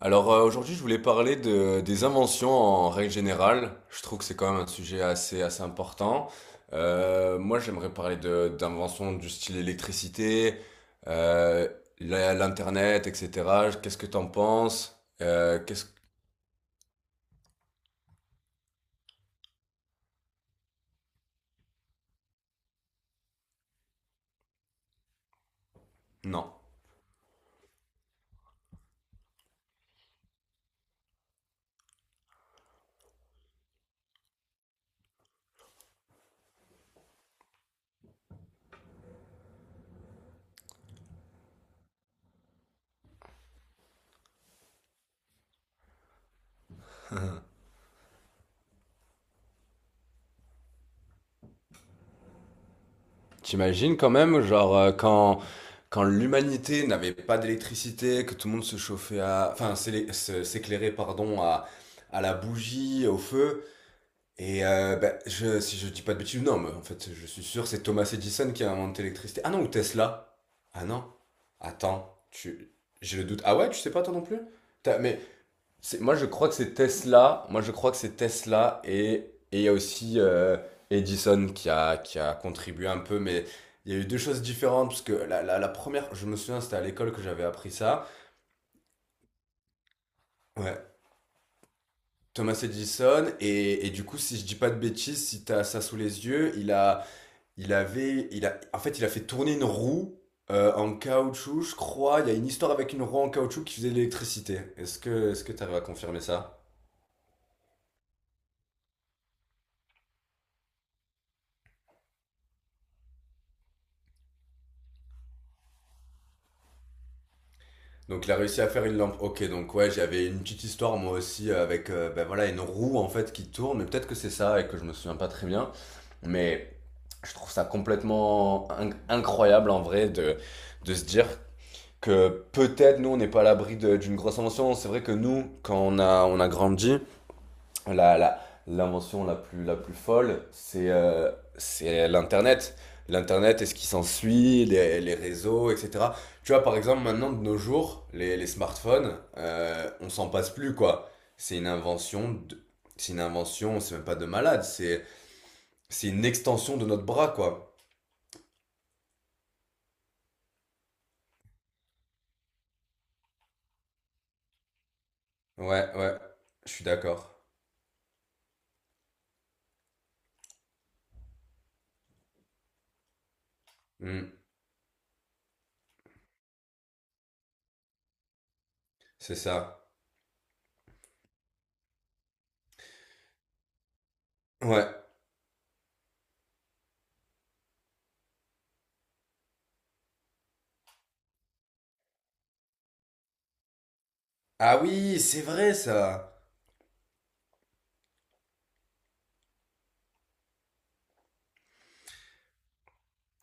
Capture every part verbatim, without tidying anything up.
Alors euh, aujourd'hui, je voulais parler de- des inventions en règle générale. Je trouve que c'est quand même un sujet assez, assez important. Euh, moi, j'aimerais parler de, d'inventions du style électricité, euh, la- l'Internet, et cétéra. Qu'est-ce que t'en penses? Euh, qu'est-ce... Non. T'imagines quand même, genre, euh, quand, quand l'humanité n'avait pas d'électricité, que tout le monde se chauffait à... Enfin, s'élé- se- s'éclairait, pardon, à, à la bougie, au feu. Et euh, bah, je, si je dis pas de bêtises, non, mais en fait, je suis sûr, c'est Thomas Edison qui a inventé l'électricité. Ah non, ou Tesla. Ah non. Attends, tu... j'ai le doute. Ah ouais, tu sais pas toi non plus? T'as- Mais c'est- moi, je crois que c'est Tesla. Moi, je crois que c'est Tesla et et il y a aussi euh, Edison qui a qui a contribué un peu, mais il y a eu deux choses différentes parce que la, la, la première, je me souviens, c'était à l'école que j'avais appris ça. Ouais. Thomas Edison et, et du coup, si je dis pas de bêtises, si t'as ça sous les yeux, il a Il avait, il a, en fait, il a fait tourner une roue euh, en caoutchouc, je crois. Il y a une histoire avec une roue en caoutchouc qui faisait de l'électricité. Est-ce que, est-ce que t'arrives à confirmer ça? Donc il a réussi à faire une lampe. Ok, donc ouais, j'avais une petite histoire moi aussi euh, avec, euh, ben voilà, une roue en fait qui tourne. Mais peut-être que c'est ça et que je me souviens pas très bien. Mais je trouve ça complètement in- incroyable en vrai de, de se dire que peut-être nous on n'est pas à l'abri de- d'une grosse invention. C'est vrai que nous, quand on a, on a grandi, la, la- l'invention la plus, la plus folle, c'est euh, c'est l'Internet. L'Internet et ce qui s'ensuit, les, les réseaux, et cétéra. Tu vois, par exemple, maintenant, de nos jours, les, les smartphones, euh, on s'en passe plus, quoi. C'est une invention, de- c'est une invention, c'est même pas de malade, c'est c'est une extension de notre bras, quoi. Ouais, ouais, je suis d'accord. Hmm, c'est ça. Ouais. Ah oui, c'est vrai, ça.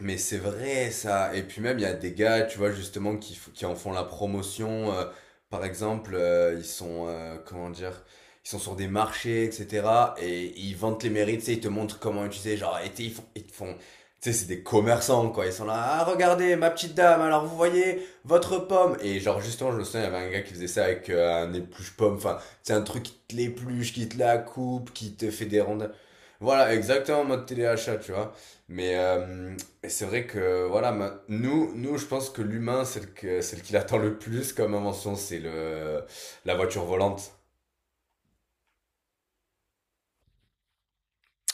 Mais c'est vrai ça. Et puis même, il y a des gars, tu vois, justement, qui, f- qui en font la promotion. Euh, par exemple, euh, ils sont, euh, comment dire, ils sont sur des marchés, et cétéra. Et ils vantent les mérites, tu sais, ils te montrent comment utiliser. Genre, et tu sais, ils font, ils te font, tu sais, c'est des commerçants, quoi. Ils sont là, ah, regardez, ma petite dame, alors vous voyez, votre pomme. Et genre, justement, je me souviens, il y avait un gars qui faisait ça avec euh, un épluche-pomme. Enfin, c'est un truc qui te l'épluche, qui te la coupe, qui te fait des rondelles. Voilà, exactement, en mode téléachat, tu vois. Mais, euh, et c'est vrai que voilà, ma- nous, nous, je pense que l'humain, celle que, celle qu'il attend le plus comme invention, c'est le la voiture volante.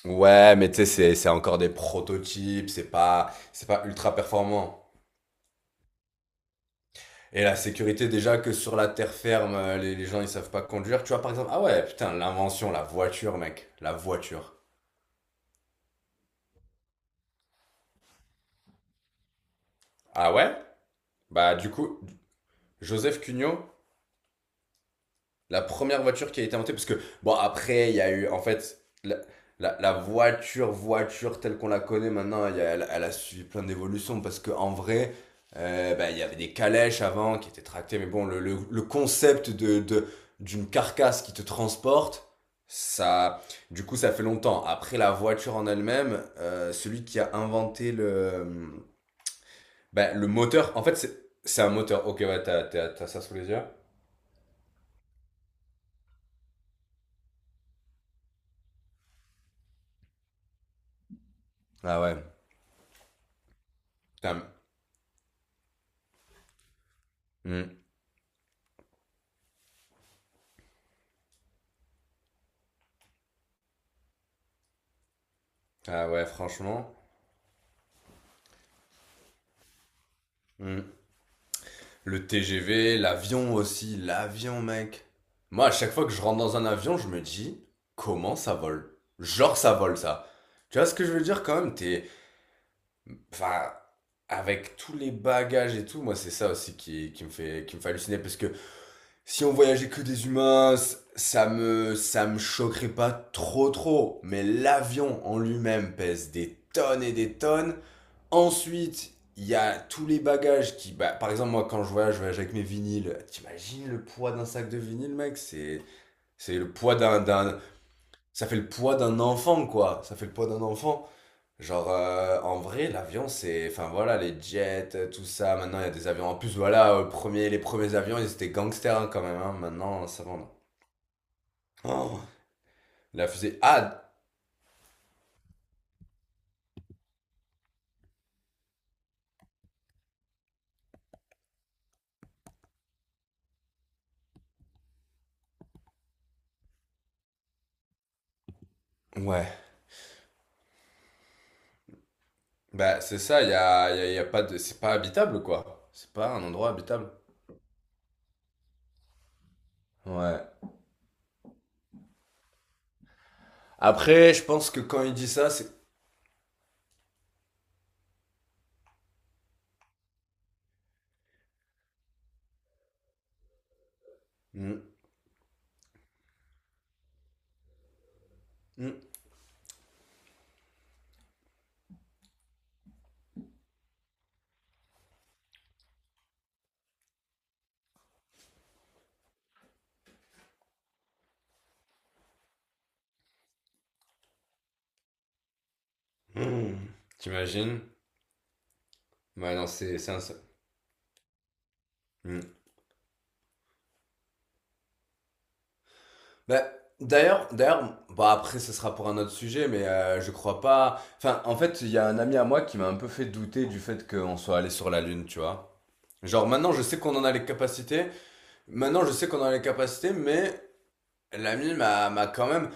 Ouais, mais tu sais, c'est c'est encore des prototypes, c'est pas c'est pas ultra performant. Et la sécurité, déjà que sur la terre ferme, euh, les, les gens ils savent pas conduire. Tu vois par exemple, ah ouais, putain, l'invention, la voiture, mec, la voiture. Ah ouais? Bah du coup, Joseph Cugnot, la première voiture qui a été inventée, parce que, bon, après, il y a eu, en fait, la, la, la voiture, voiture telle qu'on la connaît maintenant, il y a- elle, elle a suivi plein d'évolutions, parce que en vrai, euh, bah, il y avait des calèches avant qui étaient tractées, mais bon, le, le, le concept de, de, d'une carcasse qui te transporte, ça, du coup, ça fait longtemps. Après, la voiture en elle-même, euh, celui qui a inventé le, euh, bah, le moteur, en fait, c'est, c'est un moteur. Ok, ouais, t'as, t'as, t'as ça sous les yeux? Ah ouais. Putain. Hmm. Ah ouais, franchement. Hmm. Le T G V, l'avion aussi, l'avion, mec. Moi, à chaque fois que je rentre dans un avion, je me dis, comment ça vole? Genre, ça vole, ça. Tu vois ce que je veux dire quand même? T'es, enfin, avec tous les bagages et tout, moi, c'est ça aussi qui, qui me fait, qui me fait halluciner. Parce que si on voyageait que des humains, c- ça me, ça me choquerait pas trop, trop. Mais l'avion en lui-même pèse des tonnes et des tonnes. Ensuite, il y a tous les bagages qui. Bah, par exemple, moi, quand je voyage, je voyage avec mes vinyles. T'imagines le poids d'un sac de vinyle, mec. C'est c'est le poids d'un. d'un- ça fait le poids d'un enfant, quoi. Ça fait le poids d'un enfant. Genre, euh, en vrai, l'avion, c'est. Enfin, voilà, les jets, euh, tout ça. Maintenant, il y a des avions. En plus, voilà, euh, premier, les premiers avions, ils étaient gangsters, hein, quand même, hein. Maintenant, ça va. Non. Oh, la fusée. Ah ouais. Bah, c'est ça, il y a, il y a- il y a pas de. C'est pas habitable, quoi. C'est pas un endroit habitable. Ouais. Après, je pense que quand il dit ça, c'est. Mm, mm, mm. T'imagines. Ouais, non, c'est c'est un seul. Mm. Bah, d'ailleurs, d'ailleurs, bah après, ce sera pour un autre sujet, mais euh, je crois pas. Enfin, en fait, il y a un ami à moi qui m'a un peu fait douter du fait qu'on soit allé sur la Lune, tu vois. Genre, maintenant, je sais qu'on en a les capacités. Maintenant, je sais qu'on en a les capacités, mais l'ami m'a m'a quand même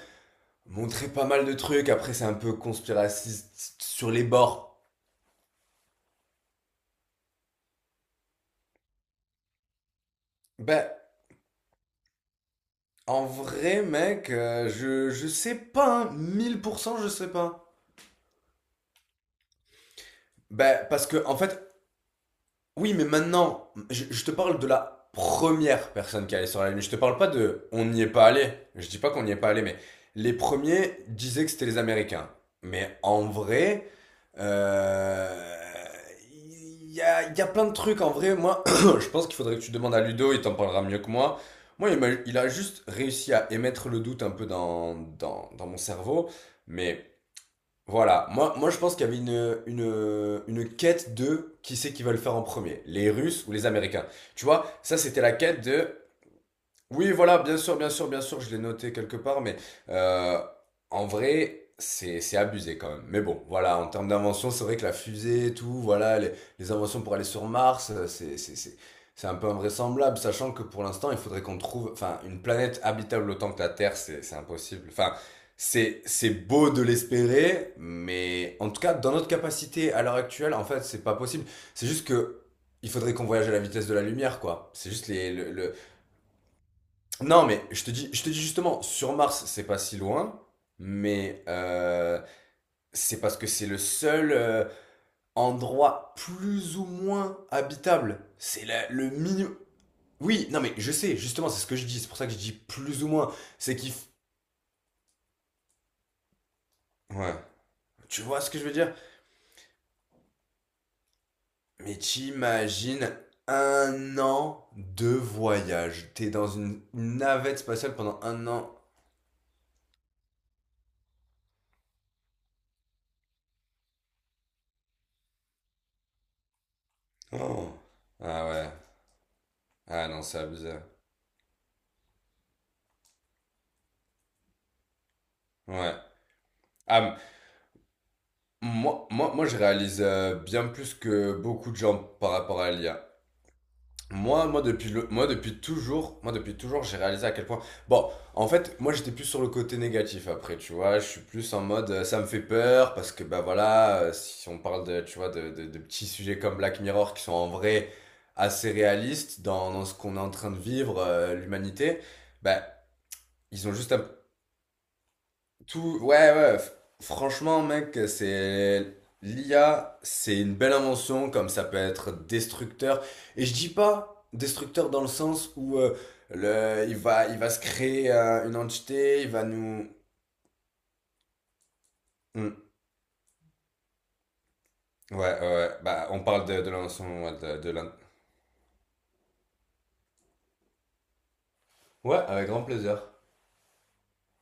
montré pas mal de trucs. Après, c'est un peu conspiraciste sur les bords. Ben. En vrai, mec, euh, je, je sais pas, hein, mille pour cent, je sais pas. Ben parce que, en fait, oui, mais maintenant, je, je te parle de la première personne qui est allée sur la Lune. Je te parle pas de on n'y est pas allé. Je dis pas qu'on n'y est pas allé, mais les premiers disaient que c'était les Américains. Mais en vrai, euh, il y a, il y a plein de trucs. En vrai, moi, je pense qu'il faudrait que tu demandes à Ludo, il t'en parlera mieux que moi. Moi, il m'a- il a juste réussi à émettre le doute un peu dans, dans, dans mon cerveau. Mais voilà, moi, moi je pense qu'il y avait une, une, une quête de qui c'est qui va le faire en premier, les Russes ou les Américains. Tu vois, ça c'était la quête de oui, voilà, bien sûr, bien sûr, bien sûr, je l'ai noté quelque part, mais euh, en vrai, c'est c'est abusé quand même. Mais bon, voilà, en termes d'invention, c'est vrai que la fusée et tout, voilà, les, les inventions pour aller sur Mars, euh, c'est c'est- c'est- c'est un peu invraisemblable, sachant que pour l'instant, il faudrait qu'on trouve, enfin, une planète habitable autant que la Terre, c'est c'est impossible. Enfin, c'est c'est beau de l'espérer, mais en tout cas, dans notre capacité à l'heure actuelle, en fait, c'est pas possible. C'est juste que il faudrait qu'on voyage à la vitesse de la lumière, quoi. C'est juste les, le, le- non, mais je te dis, je te dis justement, sur Mars, c'est pas si loin, mais euh, c'est parce que c'est le seul euh, endroit plus ou moins habitable. C'est la- le minimum. Oui, non, mais je sais, justement, c'est ce que je dis. C'est pour ça que je dis plus ou moins. C'est qu'il. f- ouais. Tu vois ce que je veux dire? Mais t'imagines un an de voyage. T'es dans une une navette spatiale pendant un an. Oh. Ah ouais. Ah non, c'est abusé. Ouais. Ah, Moi, moi, moi, je réalise euh, bien plus que beaucoup de gens par rapport à l'I A. Moi, moi, depuis le, moi, depuis toujours, moi, depuis toujours, j'ai réalisé à quel point. Bon, en fait, moi, j'étais plus sur le côté négatif après, tu vois. Je suis plus en mode, euh, ça me fait peur parce que, bah voilà, euh, si on parle de, tu vois, de, de, de petits sujets comme Black Mirror qui sont en vrai assez réalistes dans, dans ce qu'on est en train de vivre, euh, l'humanité, bah, ils ont juste tout, ouais, ouais. f- Franchement, mec, c'est l'I A, c'est une belle invention, comme ça peut être destructeur. Et je dis pas destructeur dans le sens où euh, le, il va, il va se créer euh, une entité, il va nous. Hmm. Ouais, ouais, ouais. Bah, on parle de, de l'invention, ouais, de, de l'in- Ouais, avec grand plaisir.